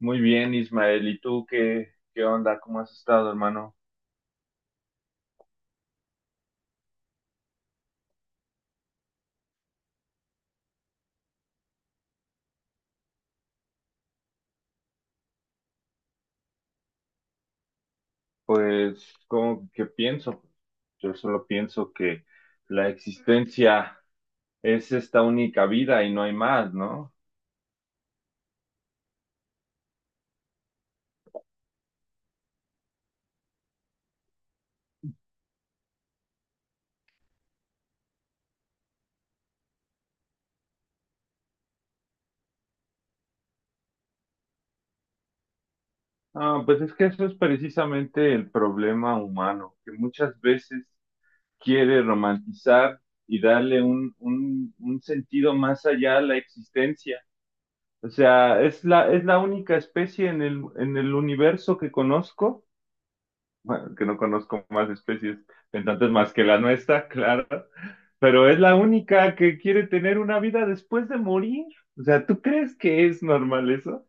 Muy bien, Ismael. ¿Y tú qué, qué onda? ¿Cómo has estado, hermano? Pues, ¿cómo que pienso? Yo solo pienso que la existencia es esta única vida y no hay más, ¿no? Ah, pues es que eso es precisamente el problema humano, que muchas veces quiere romantizar y darle un sentido más allá a la existencia. O sea, es la única especie en el universo que conozco, bueno, que no conozco más especies pensantes más que la nuestra, claro, pero es la única que quiere tener una vida después de morir. O sea, ¿tú crees que es normal eso?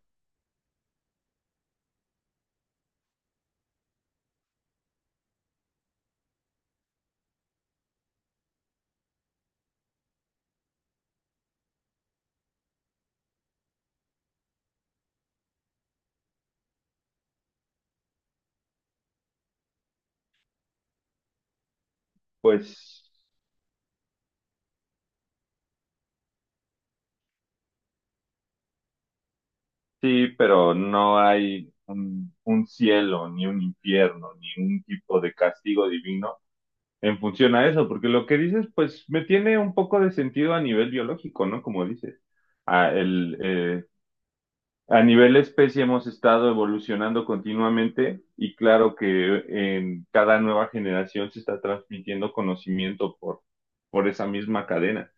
Pues sí, pero no hay un cielo, ni un infierno, ni un tipo de castigo divino en función a eso, porque lo que dices, pues me tiene un poco de sentido a nivel biológico, ¿no? Como dices, ah, el, eh, a nivel especie hemos estado evolucionando continuamente y claro que en cada nueva generación se está transmitiendo conocimiento por esa misma cadena.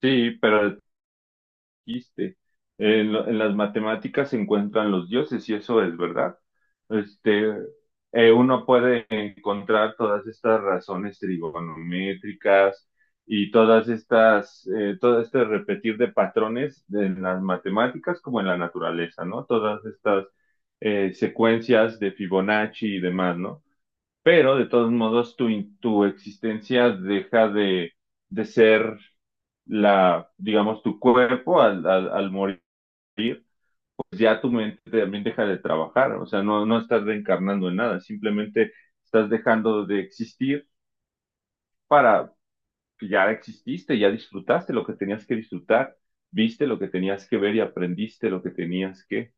Sí, pero dijiste. En las matemáticas se encuentran los dioses y eso es verdad. Este, Uno puede encontrar todas estas razones trigonométricas y todo este repetir de patrones en las matemáticas como en la naturaleza, ¿no? Todas estas Secuencias de Fibonacci y demás, ¿no? Pero de todos modos tu existencia deja de ser la, digamos, tu cuerpo al morir, pues ya tu mente también deja de trabajar, o sea, no estás reencarnando en nada, simplemente estás dejando de existir para, ya exististe, ya disfrutaste lo que tenías que disfrutar, viste lo que tenías que ver y aprendiste lo que tenías que,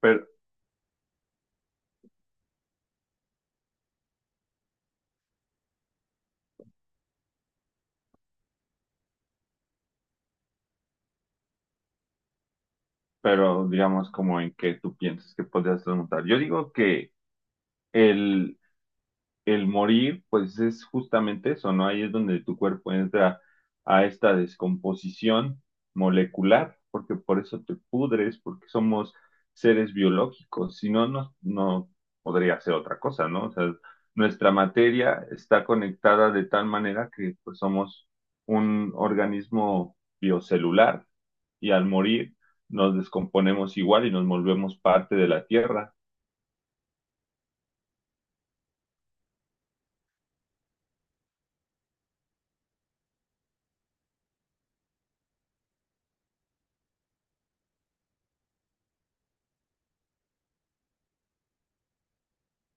pero, pero digamos, como en que tú piensas que podrías remontar. Yo digo que el, el morir, pues es justamente eso, ¿no? Ahí es donde tu cuerpo entra a esta descomposición molecular, porque por eso te pudres, porque somos seres biológicos, si no, no podría ser otra cosa, ¿no? O sea, nuestra materia está conectada de tal manera que pues somos un organismo biocelular y al morir nos descomponemos igual y nos volvemos parte de la Tierra.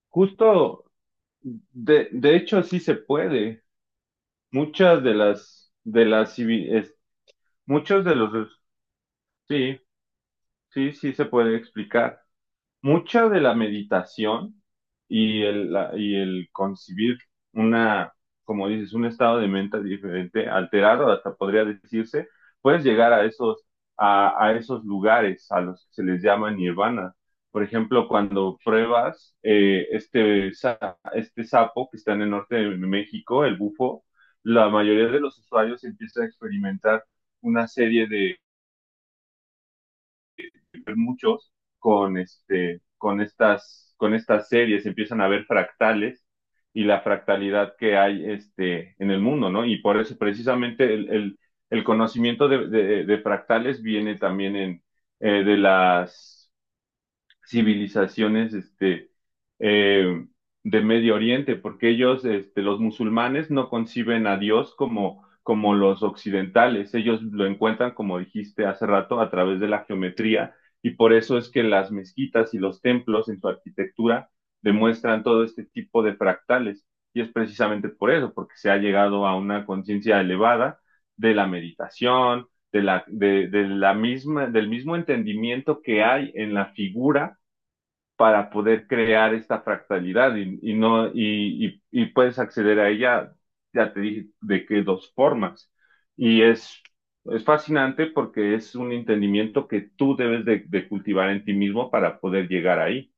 Justo, de hecho, sí se puede. Muchas de las muchos de los, sí, sí, sí se puede explicar mucha de la meditación y el concebir una, como dices, un estado de mente diferente, alterado, hasta podría decirse, puedes llegar a esos, a esos lugares a los que se les llama nirvana. Por ejemplo, cuando pruebas este sapo que está en el norte de México, el bufo, la mayoría de los usuarios empiezan a experimentar una serie muchos con estas series, empiezan a ver fractales y la fractalidad que hay en el mundo, ¿no? Y por eso precisamente el conocimiento de fractales viene también de las civilizaciones eh, de Medio Oriente, porque ellos, este, los musulmanes, no conciben a Dios como, como los occidentales. Ellos lo encuentran, como dijiste hace rato, a través de la geometría, y por eso es que las mezquitas y los templos en su arquitectura demuestran todo este tipo de fractales. Y es precisamente por eso, porque se ha llegado a una conciencia elevada de la meditación, de de la misma, del mismo entendimiento que hay en la figura para poder crear esta fractalidad y no y, y, y puedes acceder a ella, ya te dije de qué dos formas. Y es fascinante porque es un entendimiento que tú debes de cultivar en ti mismo para poder llegar ahí.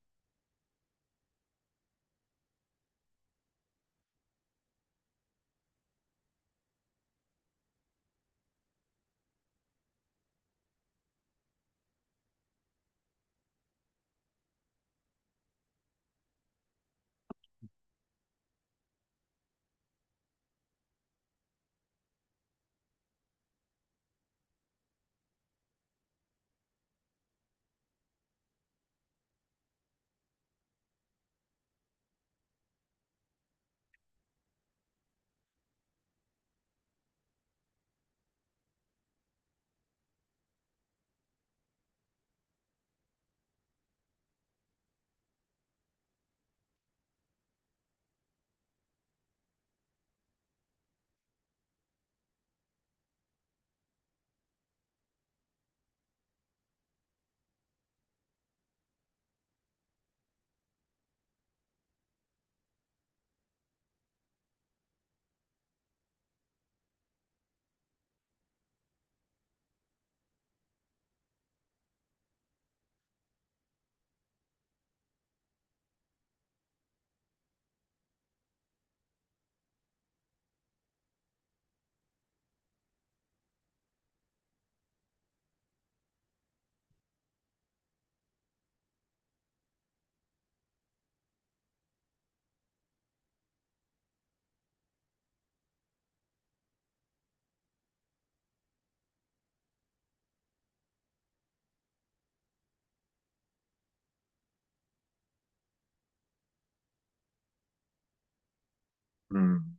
Mm.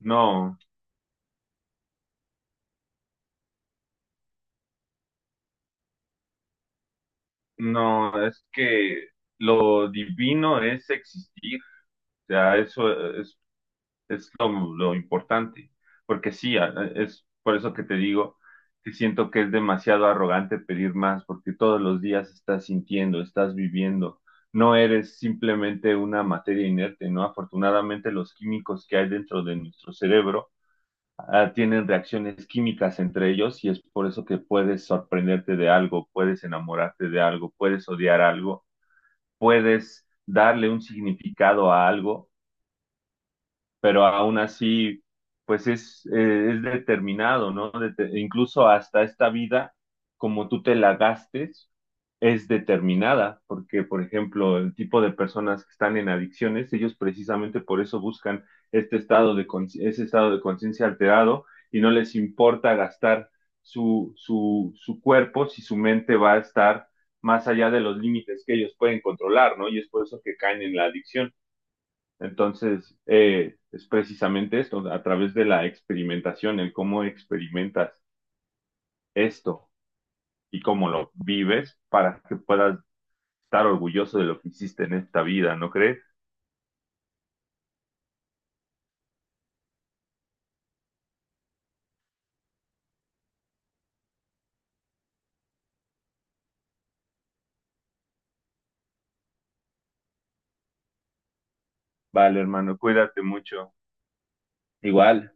No, no, es que lo divino es existir. O sea, eso, es lo importante, porque sí, es por eso que te digo que siento que es demasiado arrogante pedir más, porque todos los días estás sintiendo, estás viviendo, no eres simplemente una materia inerte, ¿no? Afortunadamente los químicos que hay dentro de nuestro cerebro tienen reacciones químicas entre ellos y es por eso que puedes sorprenderte de algo, puedes enamorarte de algo, puedes odiar algo, puedes darle un significado a algo, pero aún así, pues es determinado, ¿no? Incluso hasta esta vida, como tú te la gastes, es determinada, porque, por ejemplo, el tipo de personas que están en adicciones, ellos precisamente por eso buscan ese estado de conciencia alterado y no les importa gastar su cuerpo si su mente va a estar más allá de los límites que ellos pueden controlar, ¿no? Y es por eso que caen en la adicción. Entonces, es precisamente esto, a través de la experimentación, el cómo experimentas esto y cómo lo vives para que puedas estar orgulloso de lo que hiciste en esta vida, ¿no crees? Vale, hermano, cuídate mucho. Igual.